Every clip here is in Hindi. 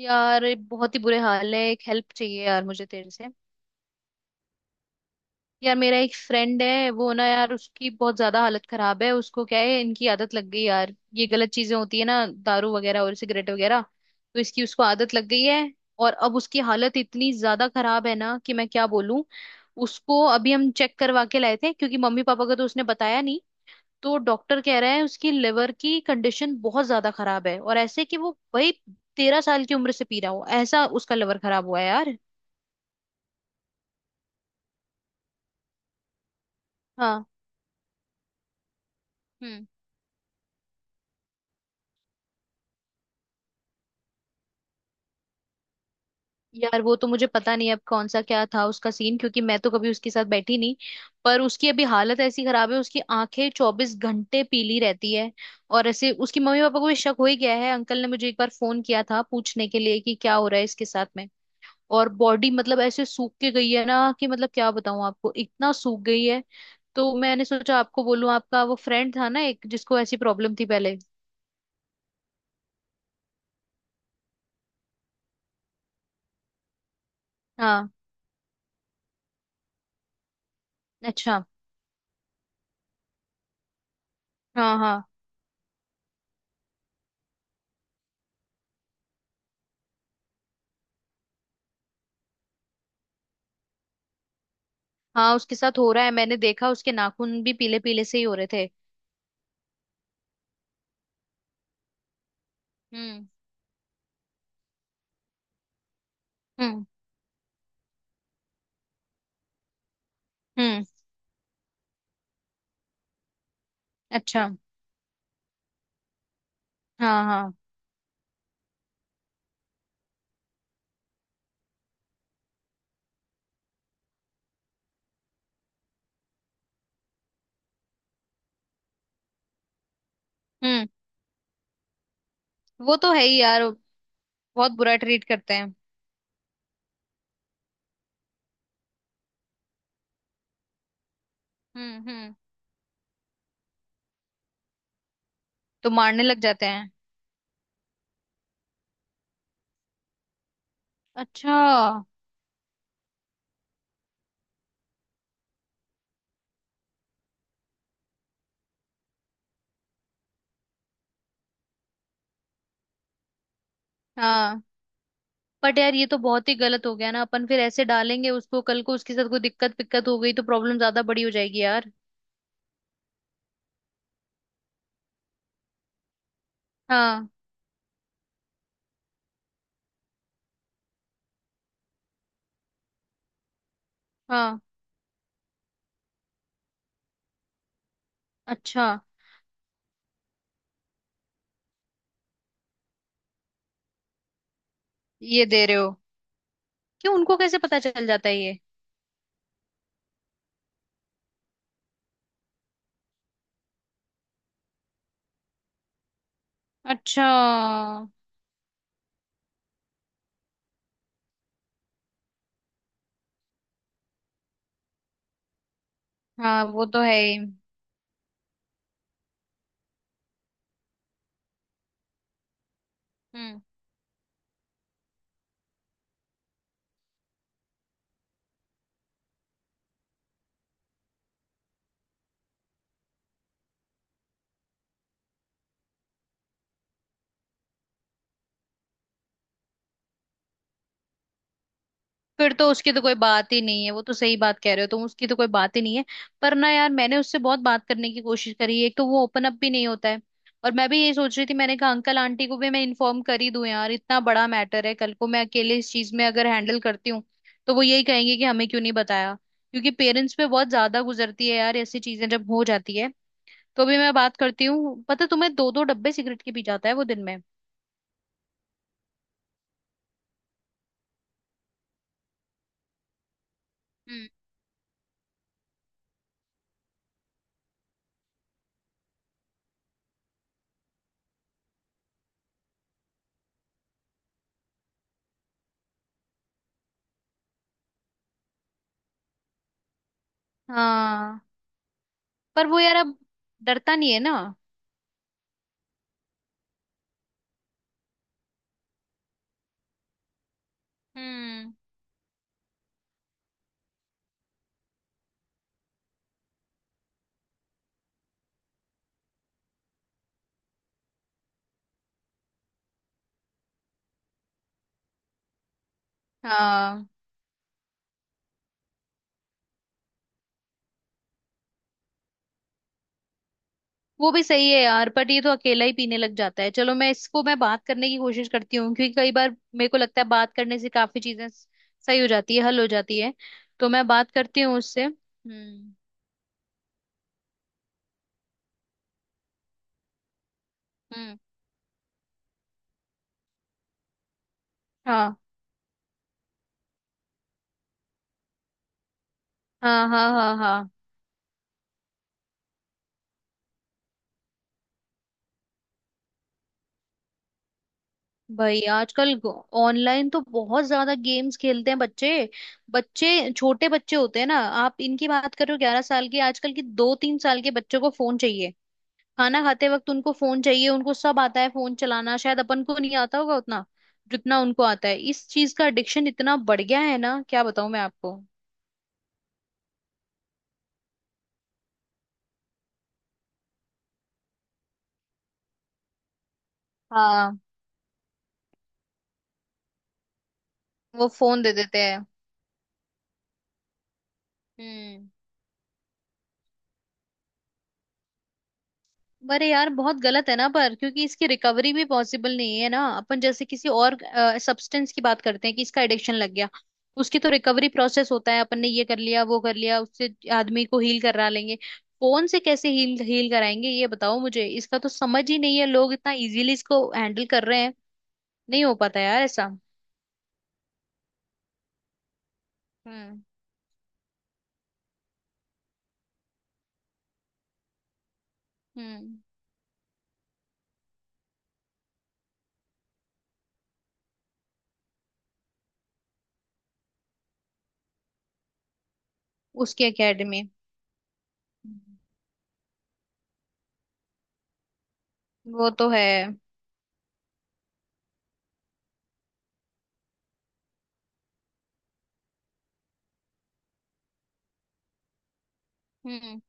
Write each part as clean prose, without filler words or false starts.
यार ये बहुत ही बुरे हाल है। एक हेल्प चाहिए यार मुझे तेरे से। यार मेरा एक फ्रेंड है, वो ना यार उसकी बहुत ज्यादा हालत खराब है। उसको क्या है, इनकी आदत लग गई यार, ये गलत चीजें होती है ना, दारू वगैरह और सिगरेट वगैरह। तो इसकी उसको आदत लग गई है। और अब उसकी हालत इतनी ज्यादा खराब है ना कि मैं क्या बोलूं। उसको अभी हम चेक करवा के लाए थे क्योंकि मम्मी पापा को तो उसने बताया नहीं। तो डॉक्टर कह रहा है उसकी लिवर की कंडीशन बहुत ज्यादा खराब है, और ऐसे कि वो भाई 13 साल की उम्र से पी रहा हो ऐसा उसका लिवर खराब हुआ है यार। हाँ। हम्म। यार वो तो मुझे पता नहीं अब कौन सा क्या था उसका सीन, क्योंकि मैं तो कभी उसके साथ बैठी नहीं। पर उसकी अभी हालत ऐसी खराब है, उसकी आंखें 24 घंटे पीली रहती है। और ऐसे उसकी मम्मी पापा को भी शक हो ही गया है, अंकल ने मुझे एक बार फोन किया था पूछने के लिए कि क्या हो रहा है इसके साथ में। और बॉडी मतलब ऐसे सूख के गई है ना कि मतलब क्या बताऊं आपको, इतना सूख गई है। तो मैंने सोचा आपको बोलूं, आपका वो फ्रेंड था ना एक जिसको ऐसी प्रॉब्लम थी पहले। हाँ। अच्छा। हाँ हाँ। हाँ उसके साथ हो रहा है, मैंने देखा उसके नाखून भी पीले पीले से ही हो रहे थे। हम्म हम्म हम्म। अच्छा। हाँ हाँ। हम्म। वो तो है ही यार। बहुत बुरा ट्रीट करते हैं। हम्म। तो मारने लग जाते हैं। अच्छा। हाँ बट यार ये तो बहुत ही गलत हो गया ना, अपन फिर ऐसे डालेंगे उसको, कल को उसके साथ कोई दिक्कत पिक्कत हो गई तो प्रॉब्लम ज्यादा बड़ी हो जाएगी यार। हाँ। हाँ। अच्छा ये दे रहे हो? क्यों, उनको कैसे पता चल जाता है ये? अच्छा। हाँ वो तो है ही। हम्म। फिर तो उसकी तो कोई बात ही नहीं है, वो तो सही बात कह रहे हो तुम, उसकी तो कोई बात ही नहीं है। पर ना यार, मैंने उससे बहुत बात करने की कोशिश करी, एक तो वो ओपन अप भी नहीं होता है। और मैं भी ये सोच रही थी, मैंने कहा अंकल आंटी को भी मैं इन्फॉर्म कर ही दूं यार, इतना बड़ा मैटर है, कल को मैं अकेले इस चीज में अगर हैंडल करती हूँ तो वो यही कहेंगे कि हमें क्यों नहीं बताया। क्योंकि पेरेंट्स पे बहुत ज्यादा गुजरती है यार ऐसी चीजें जब हो जाती है। तो भी मैं बात करती हूँ। पता है तुम्हें, दो दो डब्बे सिगरेट के पी जाता है वो दिन में। हम्म। हाँ पर वो यार अब डरता नहीं है ना। हम्म। हाँ वो भी सही है यार, बट ये तो अकेला ही पीने लग जाता है। चलो, मैं इसको, मैं बात करने की कोशिश करती हूँ क्योंकि कई बार मेरे को लगता है बात करने से काफी चीजें सही हो जाती है, हल हो जाती है। तो मैं बात करती हूँ उससे। हम्म। हम्म। हाँ हाँ हाँ हाँ। हाँ भाई आजकल ऑनलाइन तो बहुत ज्यादा गेम्स खेलते हैं बच्चे। बच्चे, छोटे बच्चे होते हैं ना, आप इनकी बात करो 11 साल के, आजकल के 2-3 साल के बच्चों को फोन चाहिए। खाना खाते वक्त उनको फोन चाहिए। उनको सब आता है, फोन चलाना शायद अपन को नहीं आता होगा उतना जितना उनको आता है। इस चीज का एडिक्शन इतना बढ़ गया है ना, क्या बताऊं मैं आपको। हाँ वो फोन दे देते हैं। हम्म। अरे यार बहुत गलत है ना, पर क्योंकि इसकी रिकवरी भी पॉसिबल नहीं है ना। अपन जैसे किसी और सब्सटेंस की बात करते हैं कि इसका एडिक्शन लग गया, उसकी तो रिकवरी प्रोसेस होता है, अपन ने ये कर लिया वो कर लिया उससे आदमी को हील करा लेंगे। फोन से कैसे हील हील कराएंगे ये बताओ मुझे, इसका तो समझ ही नहीं है। लोग इतना इजीली इसको हैंडल कर रहे हैं, नहीं हो पाता यार ऐसा। हम्म। हम्म। उसकी एकेडमी। वो तो है। हम्म।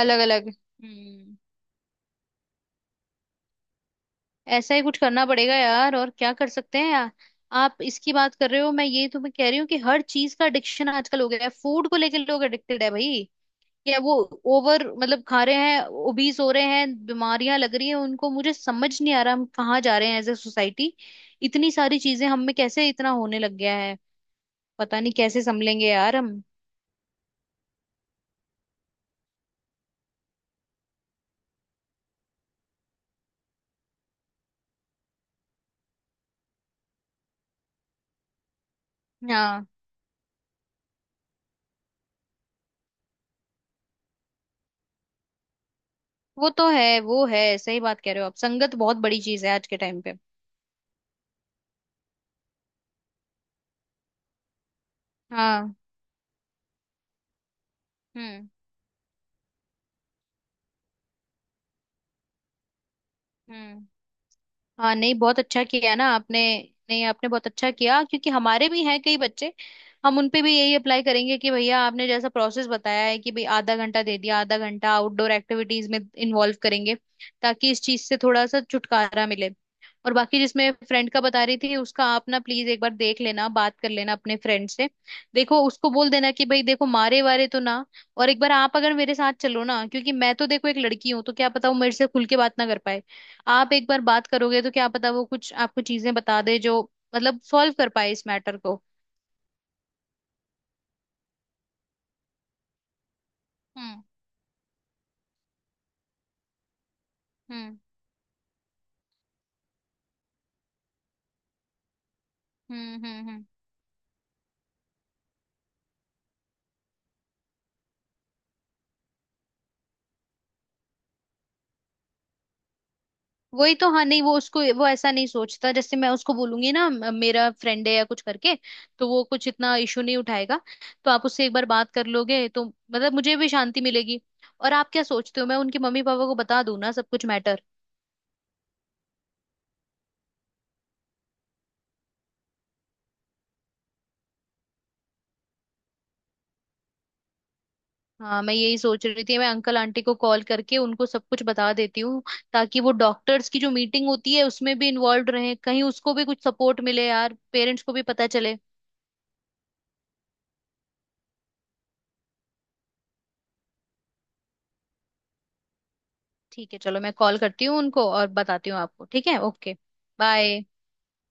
अलग अलग। ऐसा ही कुछ करना पड़ेगा यार, और क्या कर सकते हैं यार। आप इसकी बात कर रहे हो, मैं ये तुम्हें कह रही हूँ कि हर चीज का एडिक्शन आजकल हो गया है। फूड को लेकर लोग एडिक्टेड है भाई, या वो ओवर मतलब खा रहे हैं, ओबीज हो रहे हैं, बीमारियां लग रही हैं उनको। मुझे समझ नहीं आ रहा हम कहाँ जा रहे हैं एज ए सोसाइटी। इतनी सारी चीजें हम में कैसे इतना होने लग गया है, पता नहीं कैसे संभलेंगे यार हम। हाँ वो तो है, वो है, सही बात कह रहे हो आप, संगत बहुत बड़ी चीज है आज के टाइम पे। हाँ। हम्म हम्म। हाँ नहीं बहुत अच्छा किया ना आपने। नहीं आपने बहुत अच्छा किया, क्योंकि हमारे भी हैं कई बच्चे, हम उन पे भी यही अप्लाई करेंगे कि भैया आपने जैसा प्रोसेस बताया है कि भाई आधा घंटा दे दिया, आधा घंटा आउटडोर एक्टिविटीज में इन्वॉल्व करेंगे ताकि इस चीज से थोड़ा सा छुटकारा मिले। और बाकी जिसमें फ्रेंड का बता रही थी उसका, आप ना प्लीज एक बार देख लेना, बात कर लेना अपने फ्रेंड से। देखो उसको बोल देना कि भाई देखो मारे वारे तो ना, और एक बार आप अगर मेरे साथ चलो ना, क्योंकि मैं तो देखो एक लड़की हूँ, तो क्या पता वो मेरे से खुल के बात ना कर पाए। आप एक बार बात करोगे तो क्या पता वो कुछ आपको चीजें बता दे जो मतलब सॉल्व कर पाए इस मैटर को। हम्म हम्म हम्म। वही तो। हाँ नहीं वो उसको, वो ऐसा नहीं सोचता, जैसे मैं उसको बोलूंगी ना मेरा फ्रेंड है या कुछ करके, तो वो कुछ इतना इशू नहीं उठाएगा। तो आप उससे एक बार बात कर लोगे तो मतलब मुझे भी शांति मिलेगी। और आप क्या सोचते हो, मैं उनके मम्मी पापा को बता दूं ना सब कुछ मैटर? हाँ मैं यही सोच रही थी, मैं अंकल आंटी को कॉल करके उनको सब कुछ बता देती हूँ, ताकि वो डॉक्टर्स की जो मीटिंग होती है उसमें भी इन्वॉल्व रहे, कहीं उसको भी कुछ सपोर्ट मिले यार, पेरेंट्स को भी पता चले। ठीक है, चलो मैं कॉल करती हूँ उनको और बताती हूँ आपको। ठीक है, ओके, बाय।